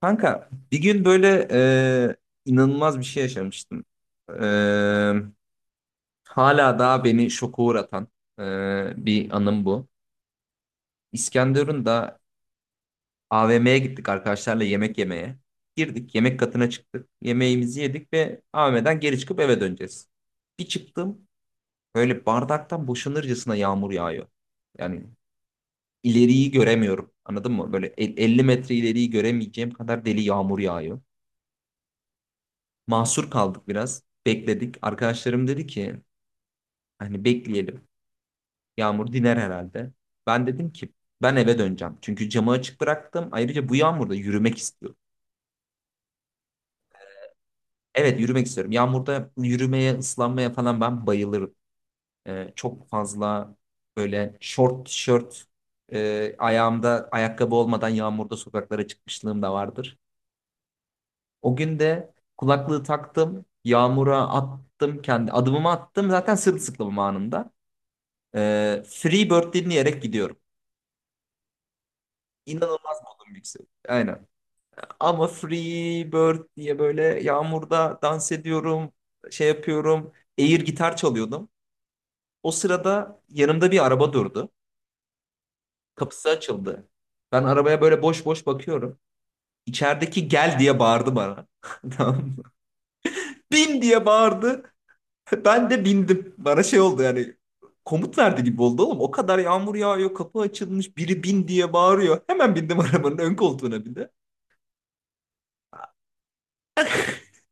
Kanka bir gün böyle e, inanılmaz bir şey yaşamıştım. E, hala daha beni şoka uğratan e, bir anım bu. İskenderun'da AVM'ye gittik arkadaşlarla yemek yemeye. Girdik yemek katına çıktık. Yemeğimizi yedik ve AVM'den geri çıkıp eve döneceğiz. Bir çıktım böyle bardaktan boşanırcasına yağmur yağıyor. Yani ileriyi göremiyorum, anladın mı? Böyle 50 metre ileriyi göremeyeceğim kadar deli yağmur yağıyor. Mahsur kaldık biraz. Bekledik. Arkadaşlarım dedi ki hani bekleyelim. Yağmur diner herhalde. Ben dedim ki ben eve döneceğim. Çünkü camı açık bıraktım. Ayrıca bu yağmurda yürümek istiyorum. Evet, yürümek istiyorum. Yağmurda yürümeye, ıslanmaya falan ben bayılırım. Çok fazla böyle short tişört, ayağımda ayakkabı olmadan yağmurda sokaklara çıkmışlığım da vardır. O gün de kulaklığı taktım. Yağmura attım, kendi adımımı attım, zaten sırılsıklamım anında. Freebird dinleyerek gidiyorum. İnanılmaz modum yükseliyor. Aynen. Ama Freebird diye böyle yağmurda dans ediyorum, şey yapıyorum. Air gitar çalıyordum. O sırada yanımda bir araba durdu. Kapısı açıldı. Ben arabaya böyle boş boş bakıyorum. İçerideki gel diye bağırdı bana. Tamam mı? Bin diye bağırdı. Ben de bindim. Bana şey oldu, yani komut verdi gibi oldu oğlum. O kadar yağmur yağıyor, kapı açılmış, biri bin diye bağırıyor. Hemen bindim arabanın ön koltuğuna bir de.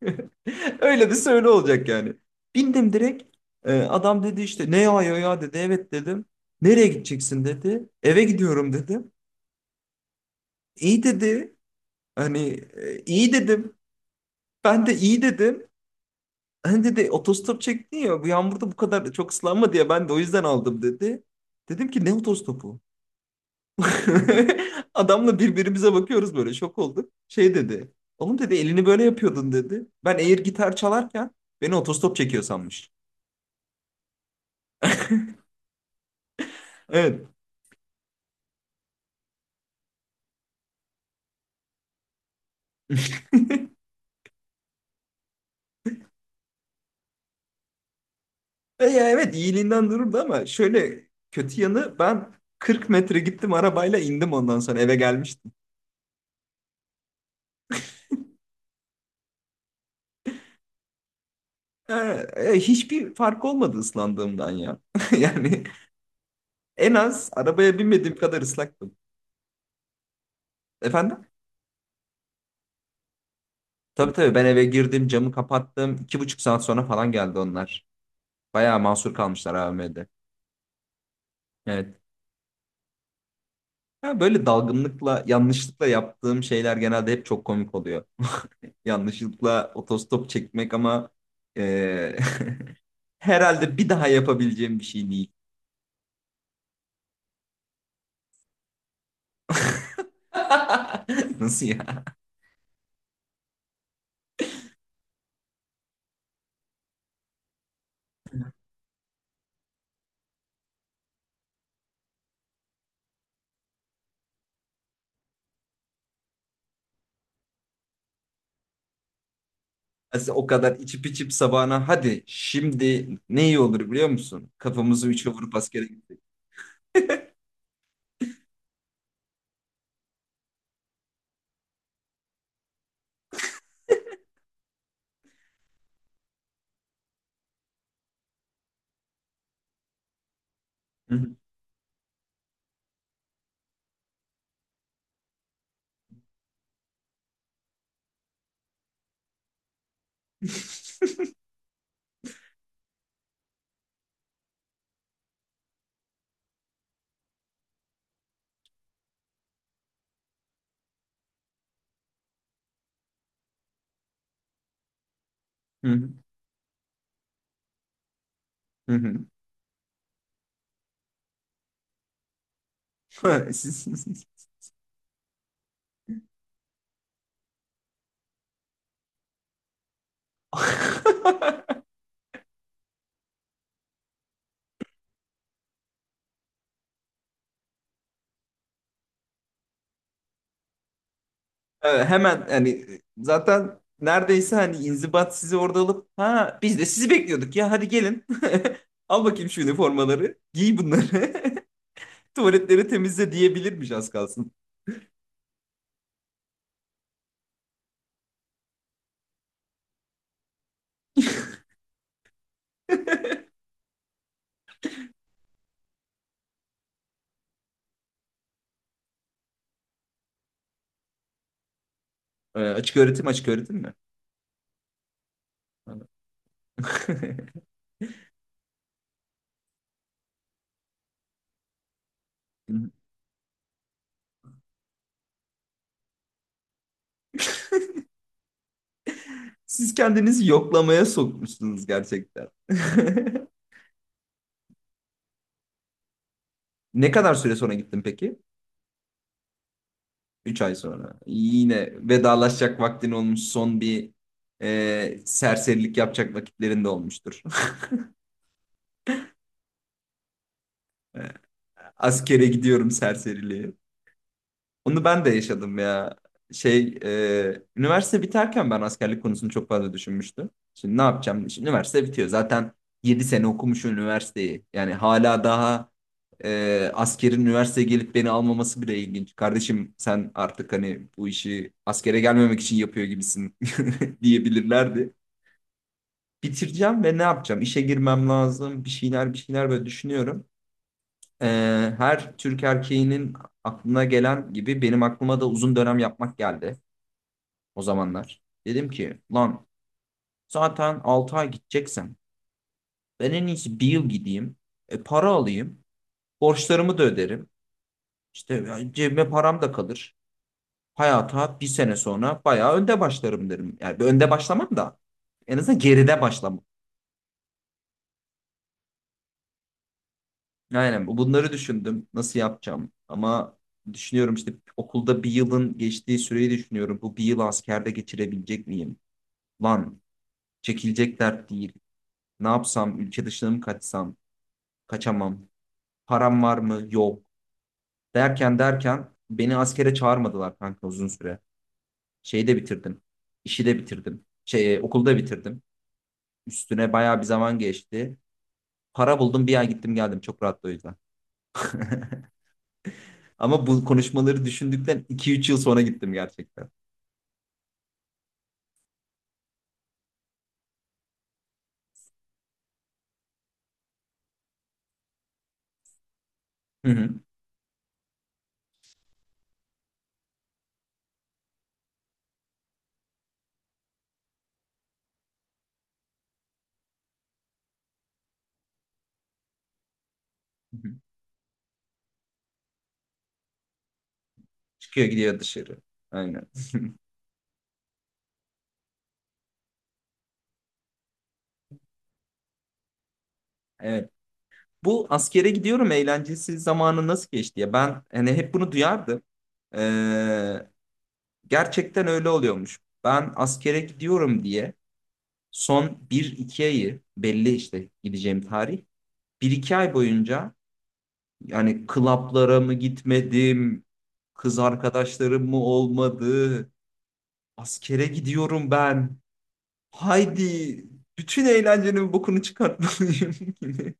Öyle bir söyle olacak yani. Bindim direkt. Adam dedi işte ne yağıyor ya ya dedi. Evet dedim. Nereye gideceksin dedi. Eve gidiyorum dedim. İyi dedi. Hani iyi dedim. Ben de iyi dedim. Hani dedi otostop çektin ya bu yağmurda bu kadar çok ıslanma diye ben de o yüzden aldım dedi. Dedim ki ne otostopu? Adamla birbirimize bakıyoruz, böyle şok olduk. Şey dedi. Oğlum dedi elini böyle yapıyordun dedi. Ben eğer gitar çalarken, beni otostop çekiyor sanmış. Evet. E ya evet, iyiliğinden dururdu ama şöyle kötü yanı ben 40 metre gittim arabayla, indim, ondan sonra eve gelmiştim. E, hiçbir fark olmadı ıslandığımdan ya. Yani en az arabaya binmediğim kadar ıslaktım. Efendim? Tabii tabii, ben eve girdim, camı kapattım. 2,5 saat sonra falan geldi onlar. Bayağı mahsur kalmışlar AVM'de. Evet. Ya böyle dalgınlıkla, yanlışlıkla yaptığım şeyler genelde hep çok komik oluyor. Yanlışlıkla otostop çekmek ama eee, herhalde bir daha yapabileceğim bir şey değil. Nasıl ya? Aslında o kadar içip içip sabahına, hadi şimdi ne iyi olur biliyor musun? Kafamızı üçe vurup askere gittik. Hı hı. Hı hı. Hı hı. Siz. Evet, hemen hani zaten neredeyse hani inzibat sizi orada alıp ha biz de sizi bekliyorduk ya hadi gelin. Al bakayım şu üniformaları. Giy bunları. Tuvaletleri temizle diyebilirmiş az kalsın. Açık öğretim, açık öğretim mi? Siz kendinizi yoklamaya sokmuşsunuz gerçekten. Ne kadar süre sonra gittin peki? 3 ay sonra. Yine vedalaşacak vaktin olmuş. Son bir serserilik yapacak vakitlerinde olmuştur. Askere gidiyorum serseriliği. Onu ben de yaşadım ya. Şey, üniversite biterken ben askerlik konusunu çok fazla düşünmüştüm. Şimdi ne yapacağım? Şimdi üniversite bitiyor. Zaten 7 sene okumuşum üniversiteyi. Yani hala daha askerin üniversiteye gelip beni almaması bile ilginç. Kardeşim sen artık hani bu işi askere gelmemek için yapıyor gibisin diyebilirlerdi. Bitireceğim ve ne yapacağım? İşe girmem lazım. Bir şeyler bir şeyler böyle düşünüyorum. e, Her Türk erkeğinin aklına gelen gibi benim aklıma da uzun dönem yapmak geldi o zamanlar. Dedim ki lan zaten 6 ay gideceksem ben en iyisi bir yıl gideyim. Para alayım. Borçlarımı da öderim. İşte cebime param da kalır. Hayata bir sene sonra bayağı önde başlarım derim. Yani önde başlamam da en azından geride başlamam. Aynen. Bunları düşündüm nasıl yapacağım ama düşünüyorum işte okulda bir yılın geçtiği süreyi düşünüyorum. Bu bir yıl askerde geçirebilecek miyim? Lan çekilecek dert değil. Ne yapsam, ülke dışına mı kaçsam? Kaçamam. Param var mı? Yok. Derken derken beni askere çağırmadılar kanka uzun süre. Şeyi de bitirdim. İşi de bitirdim. Şey, okulda bitirdim. Üstüne bayağı bir zaman geçti. Para buldum, bir ay gittim geldim, çok rahat o yüzden. Ama bu konuşmaları düşündükten 2-3 yıl sonra gittim gerçekten. Hı hı. Hı hı. Çıkıyor gidiyor dışarı. Aynen. Evet. Bu askere gidiyorum eğlencesi zamanı nasıl geçti ya? Ben hani hep bunu duyardım. Ee, gerçekten öyle oluyormuş. Ben askere gidiyorum diye son bir iki ayı, belli işte gideceğim tarih, bir iki ay boyunca yani klaplara mı gitmedim, kız arkadaşlarım mı olmadı, askere gidiyorum ben. Haydi bütün eğlencenin bokunu çıkartmalıyım gibi.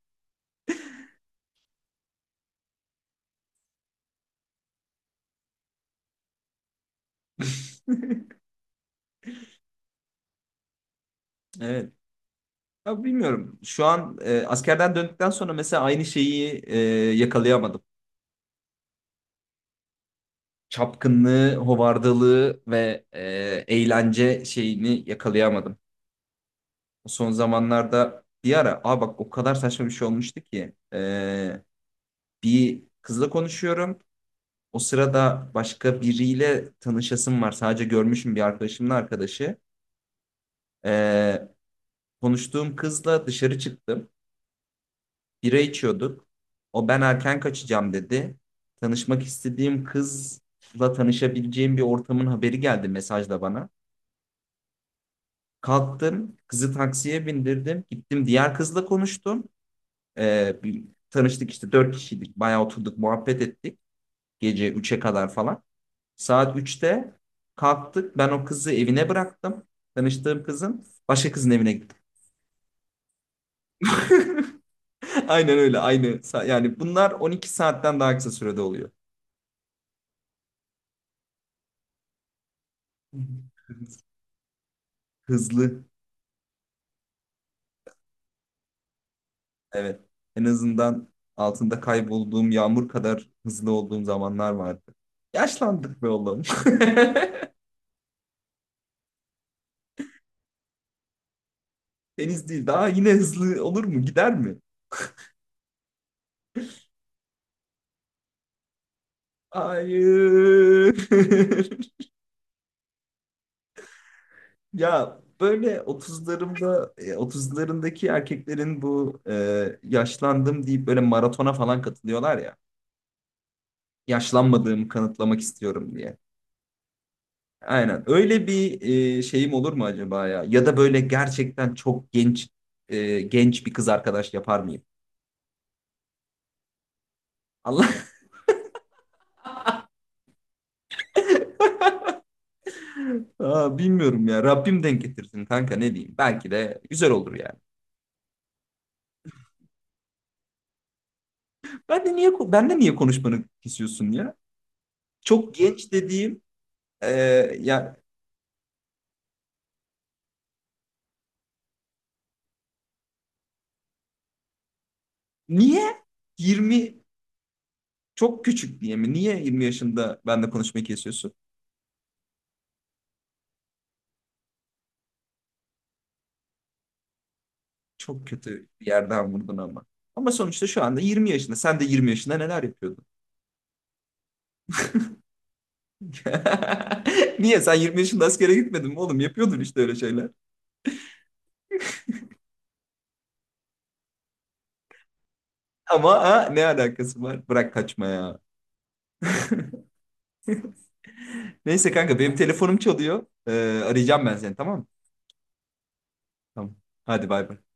Evet. Ya bilmiyorum. Şu an askerden döndükten sonra mesela aynı şeyi yakalayamadım. Çapkınlığı, hovardalığı ve eğlence şeyini yakalayamadım. Son zamanlarda bir ara, aa bak, o kadar saçma bir şey olmuştu ki bir kızla konuşuyorum. O sırada başka biriyle tanışasım var. Sadece görmüşüm bir arkadaşımın arkadaşı. E, konuştuğum kızla dışarı çıktım. Bira içiyorduk. O ben erken kaçacağım dedi. Tanışmak istediğim kızla tanışabileceğim bir ortamın haberi geldi mesajla bana. Kalktım, kızı taksiye bindirdim. Gittim diğer kızla konuştum. Ee, bir, tanıştık işte, dört kişiydik. Bayağı oturduk, muhabbet ettik. Gece üçe kadar falan. Saat üçte kalktık. Ben o kızı evine bıraktım. Tanıştığım kızın. Başka kızın evine gittim. Aynen öyle, aynı. Yani bunlar 12 saatten daha kısa sürede oluyor. Hızlı. Evet. En azından altında kaybolduğum yağmur kadar hızlı olduğum zamanlar vardı. Yaşlandık be oğlum. Deniz değil. Daha yine hızlı olur mu? Gider mi? Hayır. Ya böyle 30'larımda, otuzlarındaki erkeklerin bu yaşlandım deyip böyle maratona falan katılıyorlar ya. Yaşlanmadığımı kanıtlamak istiyorum diye. Aynen. Öyle bir şeyim olur mu acaba ya? Ya da böyle gerçekten çok genç, genç bir kız arkadaş yapar mıyım? Allah. Aa, bilmiyorum ya. Rabbim denk getirsin kanka, ne diyeyim. Belki de güzel olur yani. Ben de niye konuşmanı kesiyorsun ya? Çok genç dediğim e, ya, niye 20 çok küçük diye mi? Niye 20 yaşında ben de konuşmayı kesiyorsun? Çok kötü bir yerden vurdun ama. Ama sonuçta şu anda 20 yaşında. Sen de 20 yaşında neler yapıyordun? Niye? Sen 20 yaşında askere gitmedin mi oğlum? Yapıyordun işte öyle şeyler. Ama ha, ne alakası var? Bırak kaçma ya. Neyse kanka benim telefonum çalıyor. Arayacağım ben seni, tamam mı? Tamam. Hadi bay bay.